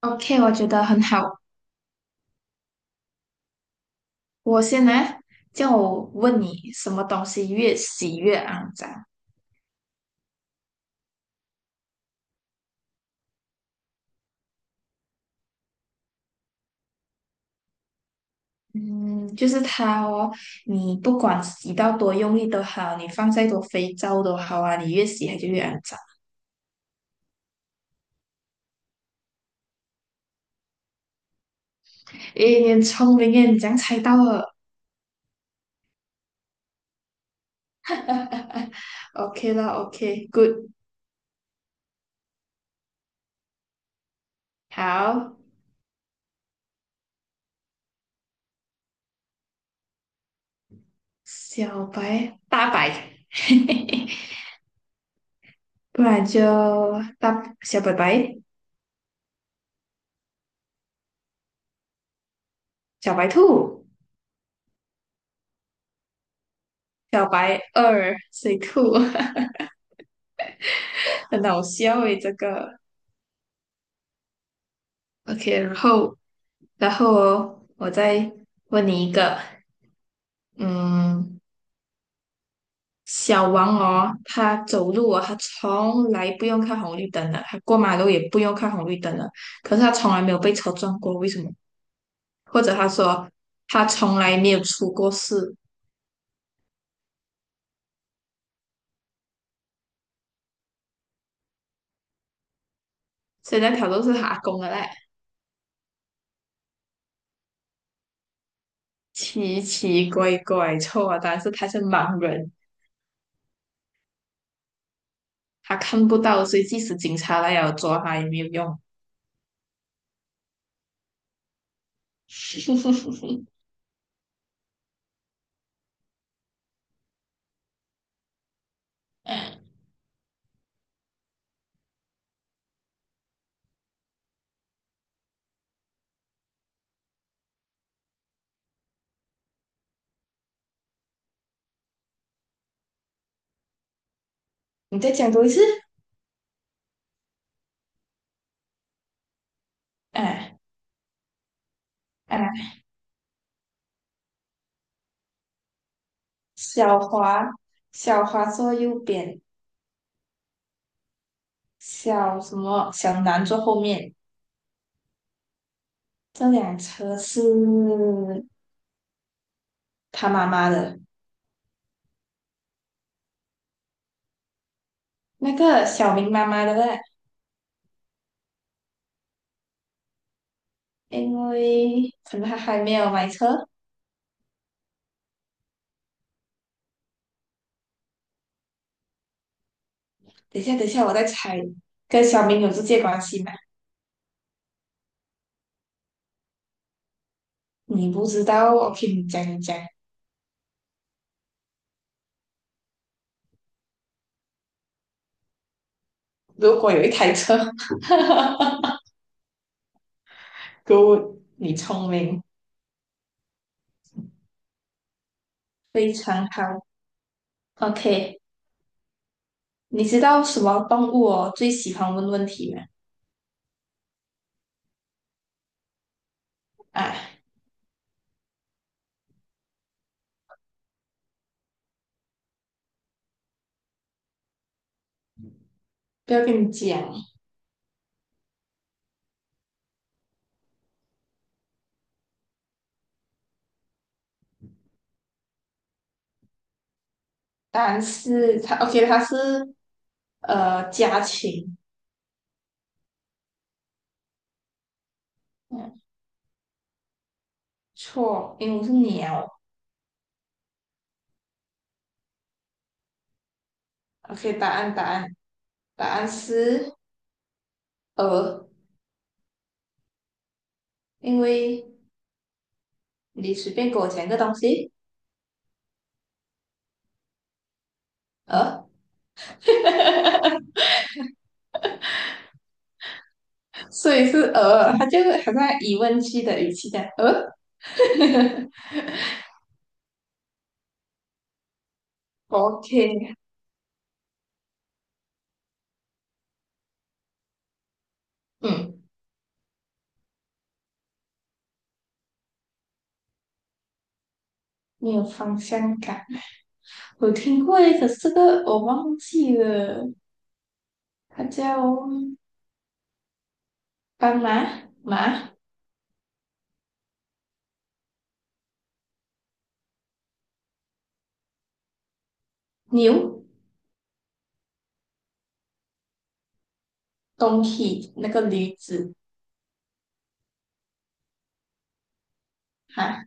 OK，我觉得很好。我先来，叫我问你什么东西越洗越肮脏？嗯，就是它哦。你不管洗到多用力都好，你放再多肥皂都好啊，你越洗它就越肮脏。诶，你很聪明耶，你这样猜到了。OK 啦 OK good 好，小白，大白，不然就大小白白，小白兔，小白二水兔。很好笑诶，这个。OK，然后哦，我再问你一个，嗯，小王哦，他走路啊，他从来不用看红绿灯的，他过马路也不用看红绿灯的，可是他从来没有被车撞过，为什么？或者他说他从来没有出过事，所以那条路是他阿公的嘞，奇奇怪怪，错啊，但是他是盲人，他看不到，所以即使警察来要抓他也没有用。你再讲多一次。哎哎，小华，小华坐右边，小什么小南坐后面。这辆车是他妈妈的，那个小明妈妈的呢？因为可能他还没有买车。等一下，等一下，我再猜，跟小明有直接关系吗？你不知道我 k 你讲一讲。如果有一台车 ，Good，你聪明，非常好。OK，你知道什么动物哦最喜欢问问题吗？哎，不要跟你讲，答案是它。OK，它是呃家禽。嗯，错，鹦鹉是鸟。OK，答案是鹅，因为你随便给我讲一个东西，鹅，所以是鹅。它就是好像疑问句的语气这鹅。OK，嗯，没有方向感。我听过一个可是这个我忘记了，它叫。斑马、马、牛、东西那个驴子哈，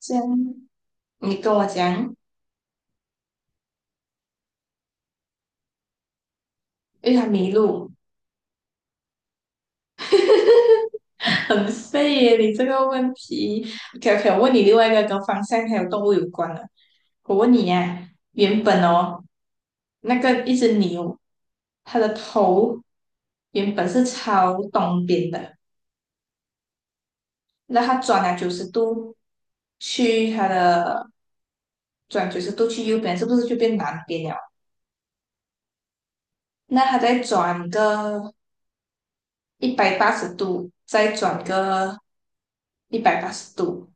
这样你跟我讲，因为它迷路，很废耶，你这个问题。OK OK，我问你另外一个跟方向还有动物有关的，我问你啊，原本哦，那个一只牛，它的头原本是朝东边的，那它去它的转九十度去右边，是不是就变南边了？那它再转个一百八十度，再转个一百八十度，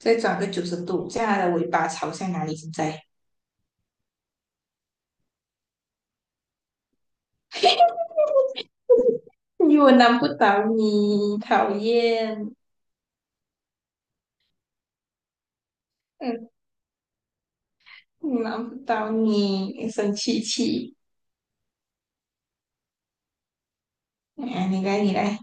再转个九十度，这样它的尾巴朝向哪里？现在？因为我难不倒你，讨厌，嗯，我难不倒你，生气气，哎，你来，你来，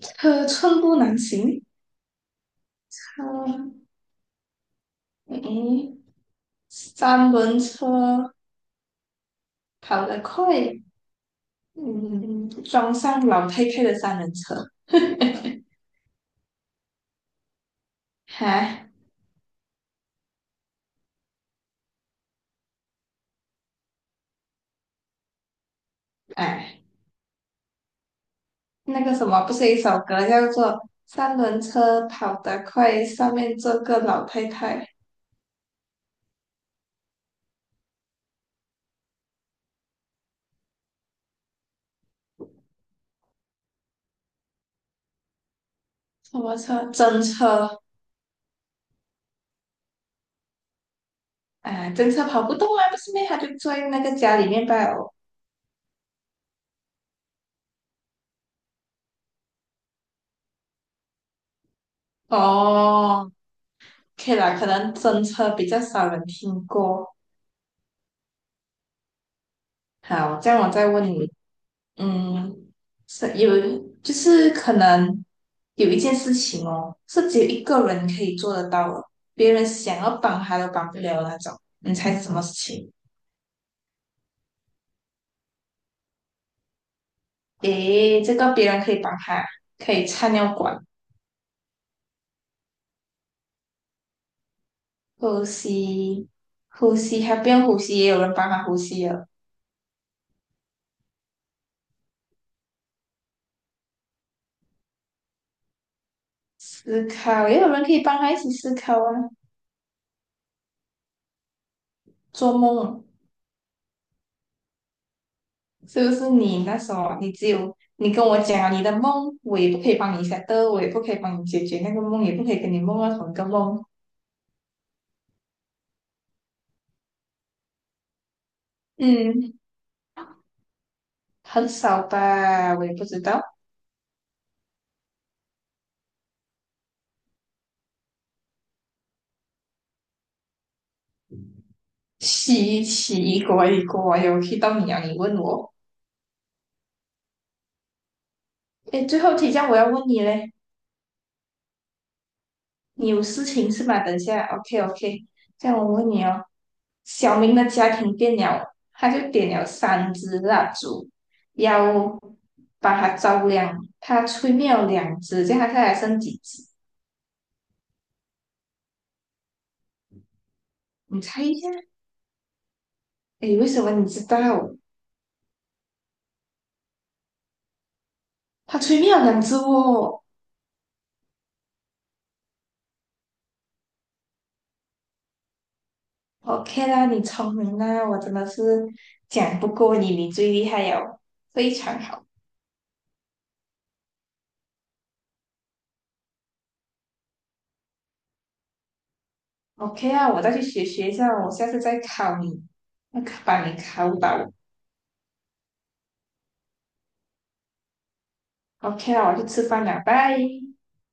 车寸步难行，车，嗯，三轮车跑得快，嗯，撞上老太太的三轮车，哈，哎，那个什么，不是一首歌叫做《三轮车跑得快》，上面坐个老太太，什么车？真车，哎，真车跑不动啊，不是咩？他就坐在那个家里面罢哦。哦，可以啦，可能真车比较少人听过。好，这样我再问你，嗯，是有，就是可能有一件事情哦，是只有一个人可以做得到的，别人想要帮他都帮不了的那种。你猜是什么事情？诶，这个别人可以帮他，可以插尿管、呼吸、呼吸，他不用呼吸，也有人帮他呼吸了。思考，也有人可以帮他一起思考啊。做梦啊，是不是你那时候你只有你跟我讲了你的梦，我也不可以帮你解决那个梦，也不可以跟你梦到同一个梦。嗯，很少吧，我也不知道。奇奇怪怪有去到你啊？你问我。诶，最后提一下，我要问你嘞，你有事情是吧？等一下，OK OK。这样我问你哦，小明的家庭电了，他就点了三支蜡烛，要把它照亮。他吹灭了两支，这样他现在还剩几支？你猜一下。诶，为什么你知道？他吹灭了两支哦。OK 啦，你聪明啦，我真的是讲不过你，你最厉害哦，非常好。OK 啊，我再去学学一下，我下次再考你，要考把你考倒。OK 啊，我去吃饭了，拜。